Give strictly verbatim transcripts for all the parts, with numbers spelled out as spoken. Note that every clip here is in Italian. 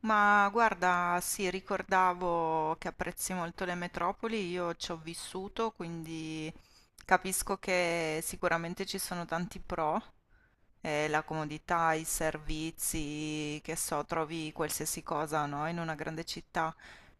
Ma guarda, sì, ricordavo che apprezzi molto le metropoli, io ci ho vissuto, quindi capisco che sicuramente ci sono tanti pro, eh, la comodità, i servizi, che so, trovi qualsiasi cosa, no? In una grande città.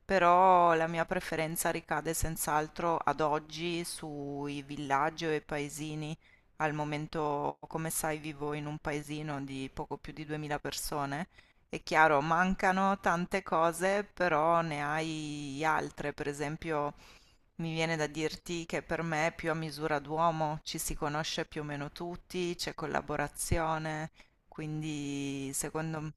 Però la mia preferenza ricade senz'altro ad oggi sui villaggi o i paesini. Al momento, come sai, vivo in un paesino di poco più di duemila persone. È chiaro, mancano tante cose, però ne hai altre, per esempio. Mi viene da dirti che per me è più a misura d'uomo, ci si conosce più o meno tutti, c'è collaborazione, quindi secondo,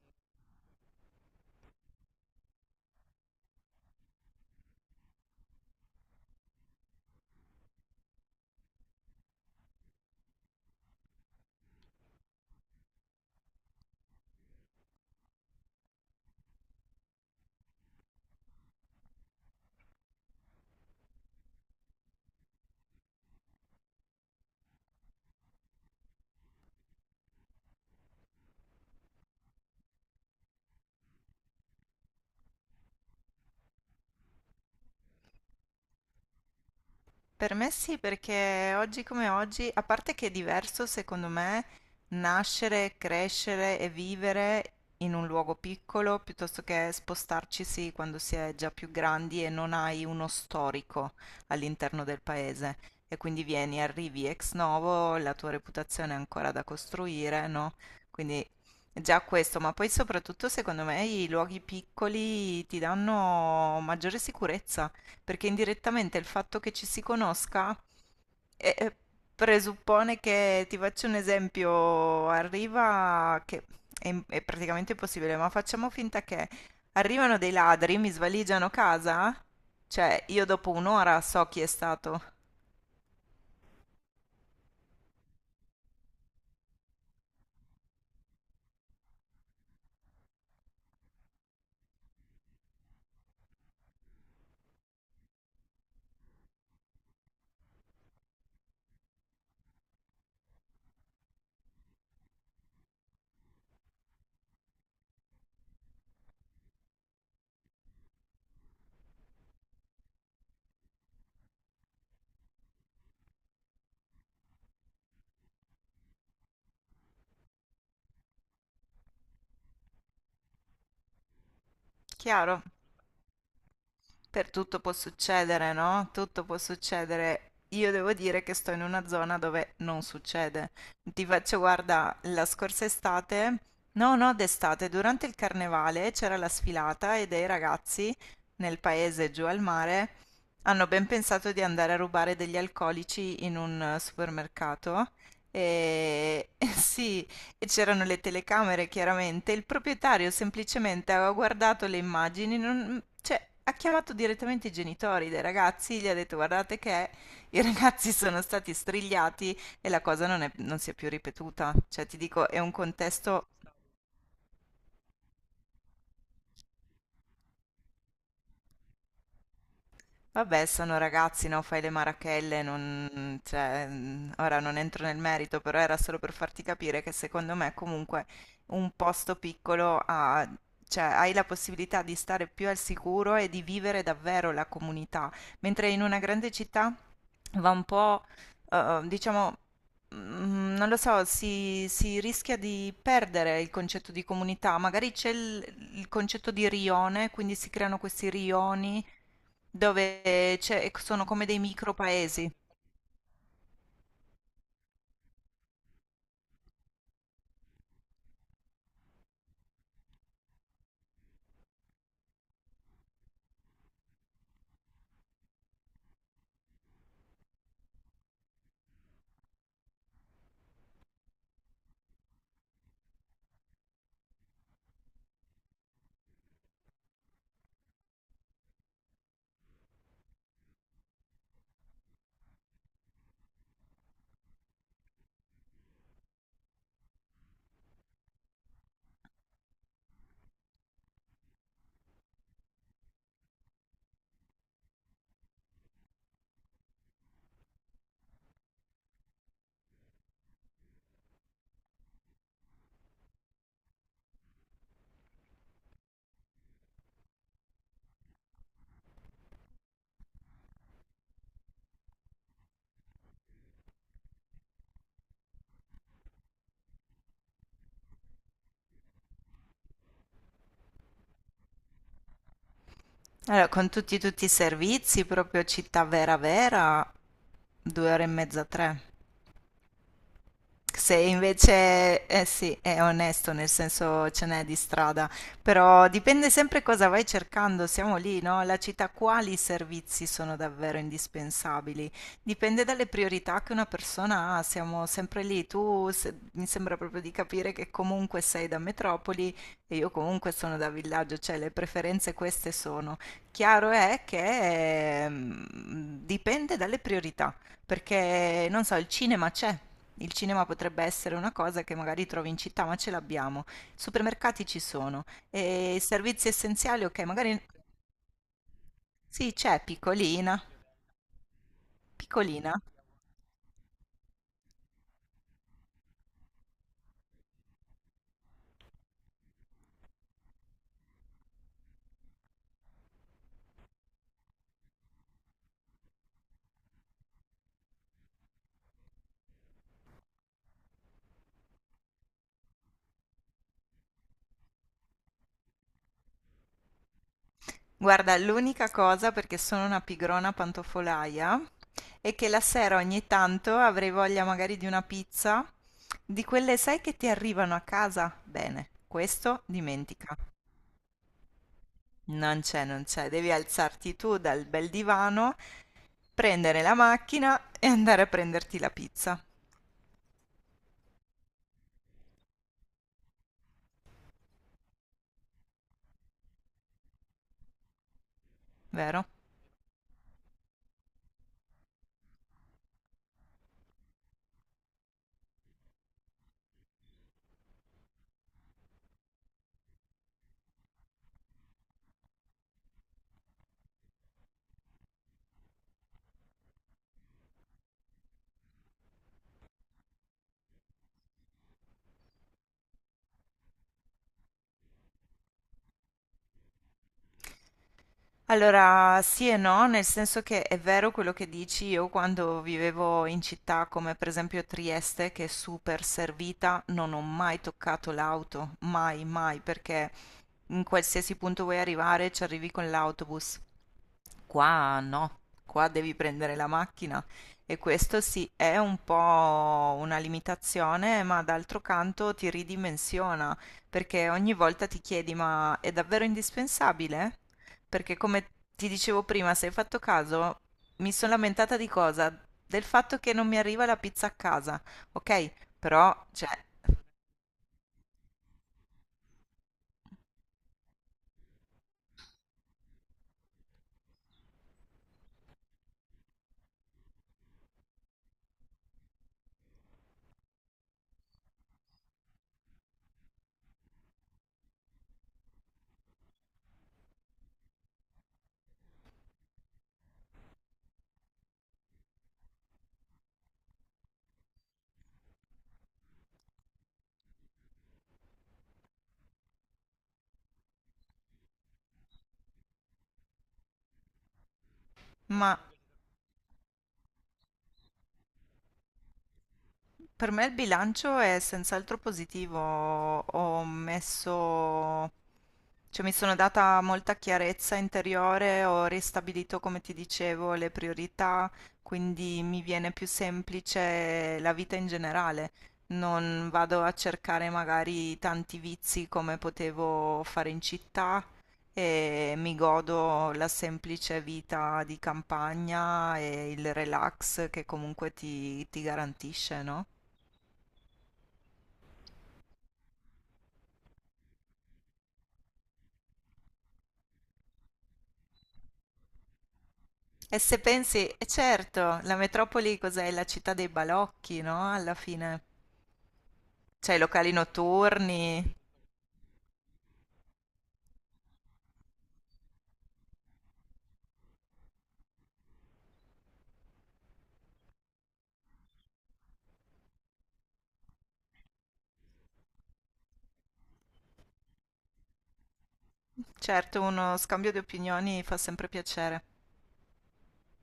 Per me sì, perché oggi come oggi, a parte che è diverso secondo me nascere, crescere e vivere in un luogo piccolo piuttosto che spostarcisi quando si è già più grandi e non hai uno storico all'interno del paese. E quindi vieni, arrivi ex novo, la tua reputazione è ancora da costruire, no? Quindi già questo, ma poi soprattutto secondo me i luoghi piccoli ti danno maggiore sicurezza perché indirettamente il fatto che ci si conosca eh, eh, presuppone che, ti faccio un esempio, arriva, che è, è praticamente impossibile, ma facciamo finta che arrivano dei ladri, mi svaligiano casa, cioè io dopo un'ora so chi è stato, chiaro? Per tutto può succedere, no? Tutto può succedere. Io devo dire che sto in una zona dove non succede. Ti faccio, guarda, la scorsa estate, no, no, d'estate, durante il carnevale c'era la sfilata e dei ragazzi nel paese giù al mare hanno ben pensato di andare a rubare degli alcolici in un eh, supermercato. E sì, e c'erano le telecamere chiaramente, il proprietario semplicemente aveva guardato le immagini, non- cioè ha chiamato direttamente i genitori dei ragazzi, gli ha detto guardate che i ragazzi sono stati strigliati e la cosa non è- non si è più ripetuta. Cioè ti dico, è un contesto. Vabbè, sono ragazzi, no? Fai le marachelle, non... cioè, mm, ora non entro nel merito, però era solo per farti capire che secondo me comunque un posto piccolo ha... cioè, hai la possibilità di stare più al sicuro e di vivere davvero la comunità, mentre in una grande città va un po', eh, eh, diciamo, mm, non lo so, si, si rischia di perdere il concetto di comunità, magari c'è il il concetto di rione, quindi si creano questi rioni dove c'è- sono come dei micro paesi. Allora, con tutti, tutti i servizi, proprio città vera vera, due ore e mezza, tre. Se invece, eh sì, è onesto, nel senso ce n'è di strada, però dipende sempre cosa vai cercando, siamo lì, no? La città, quali servizi sono davvero indispensabili? Dipende dalle priorità che una persona ha, siamo sempre lì. Tu se- Mi sembra proprio di capire che comunque sei da metropoli e io comunque sono da villaggio, cioè le preferenze queste sono. Chiaro è che ehm, dipende dalle priorità, perché non so, il cinema c'è. Il cinema potrebbe essere una cosa che magari trovi in città, ma ce l'abbiamo. Supermercati ci sono. E i servizi essenziali, ok, magari sì, c'è piccolina, piccolina. Guarda, l'unica cosa, perché sono una pigrona pantofolaia, è che la sera ogni tanto avrei voglia magari di una pizza, di quelle, sai, che ti arrivano a casa? Bene, questo dimentica. Non c'è, non c'è. Devi alzarti tu dal bel divano, prendere la macchina e andare a prenderti la pizza, vero? Allora, sì e no, nel senso che è vero quello che dici, io quando vivevo in città come per esempio Trieste, che è super servita, non ho mai toccato l'auto, mai, mai, perché in qualsiasi punto vuoi arrivare ci arrivi con l'autobus. Qua no, qua devi prendere la macchina e questo sì, è un po' una limitazione, ma d'altro canto ti ridimensiona, perché ogni volta ti chiedi, ma è davvero indispensabile? Perché come ti dicevo prima, se hai fatto caso, mi sono lamentata di cosa? Del fatto che non mi arriva la pizza a casa, ok? Però, cioè, ma Per me il bilancio è senz'altro positivo. Ho messo, cioè mi sono data molta chiarezza interiore, ho ristabilito, come ti dicevo, le priorità, quindi mi viene più semplice la vita in generale. Non vado a cercare magari tanti vizi come potevo fare in città e mi godo la semplice vita di campagna e il relax che comunque ti, ti garantisce, no? E se pensi, eh, certo, la metropoli cos'è? La città dei balocchi, no? Alla fine c'è i locali notturni. Certo, uno scambio di opinioni fa sempre piacere.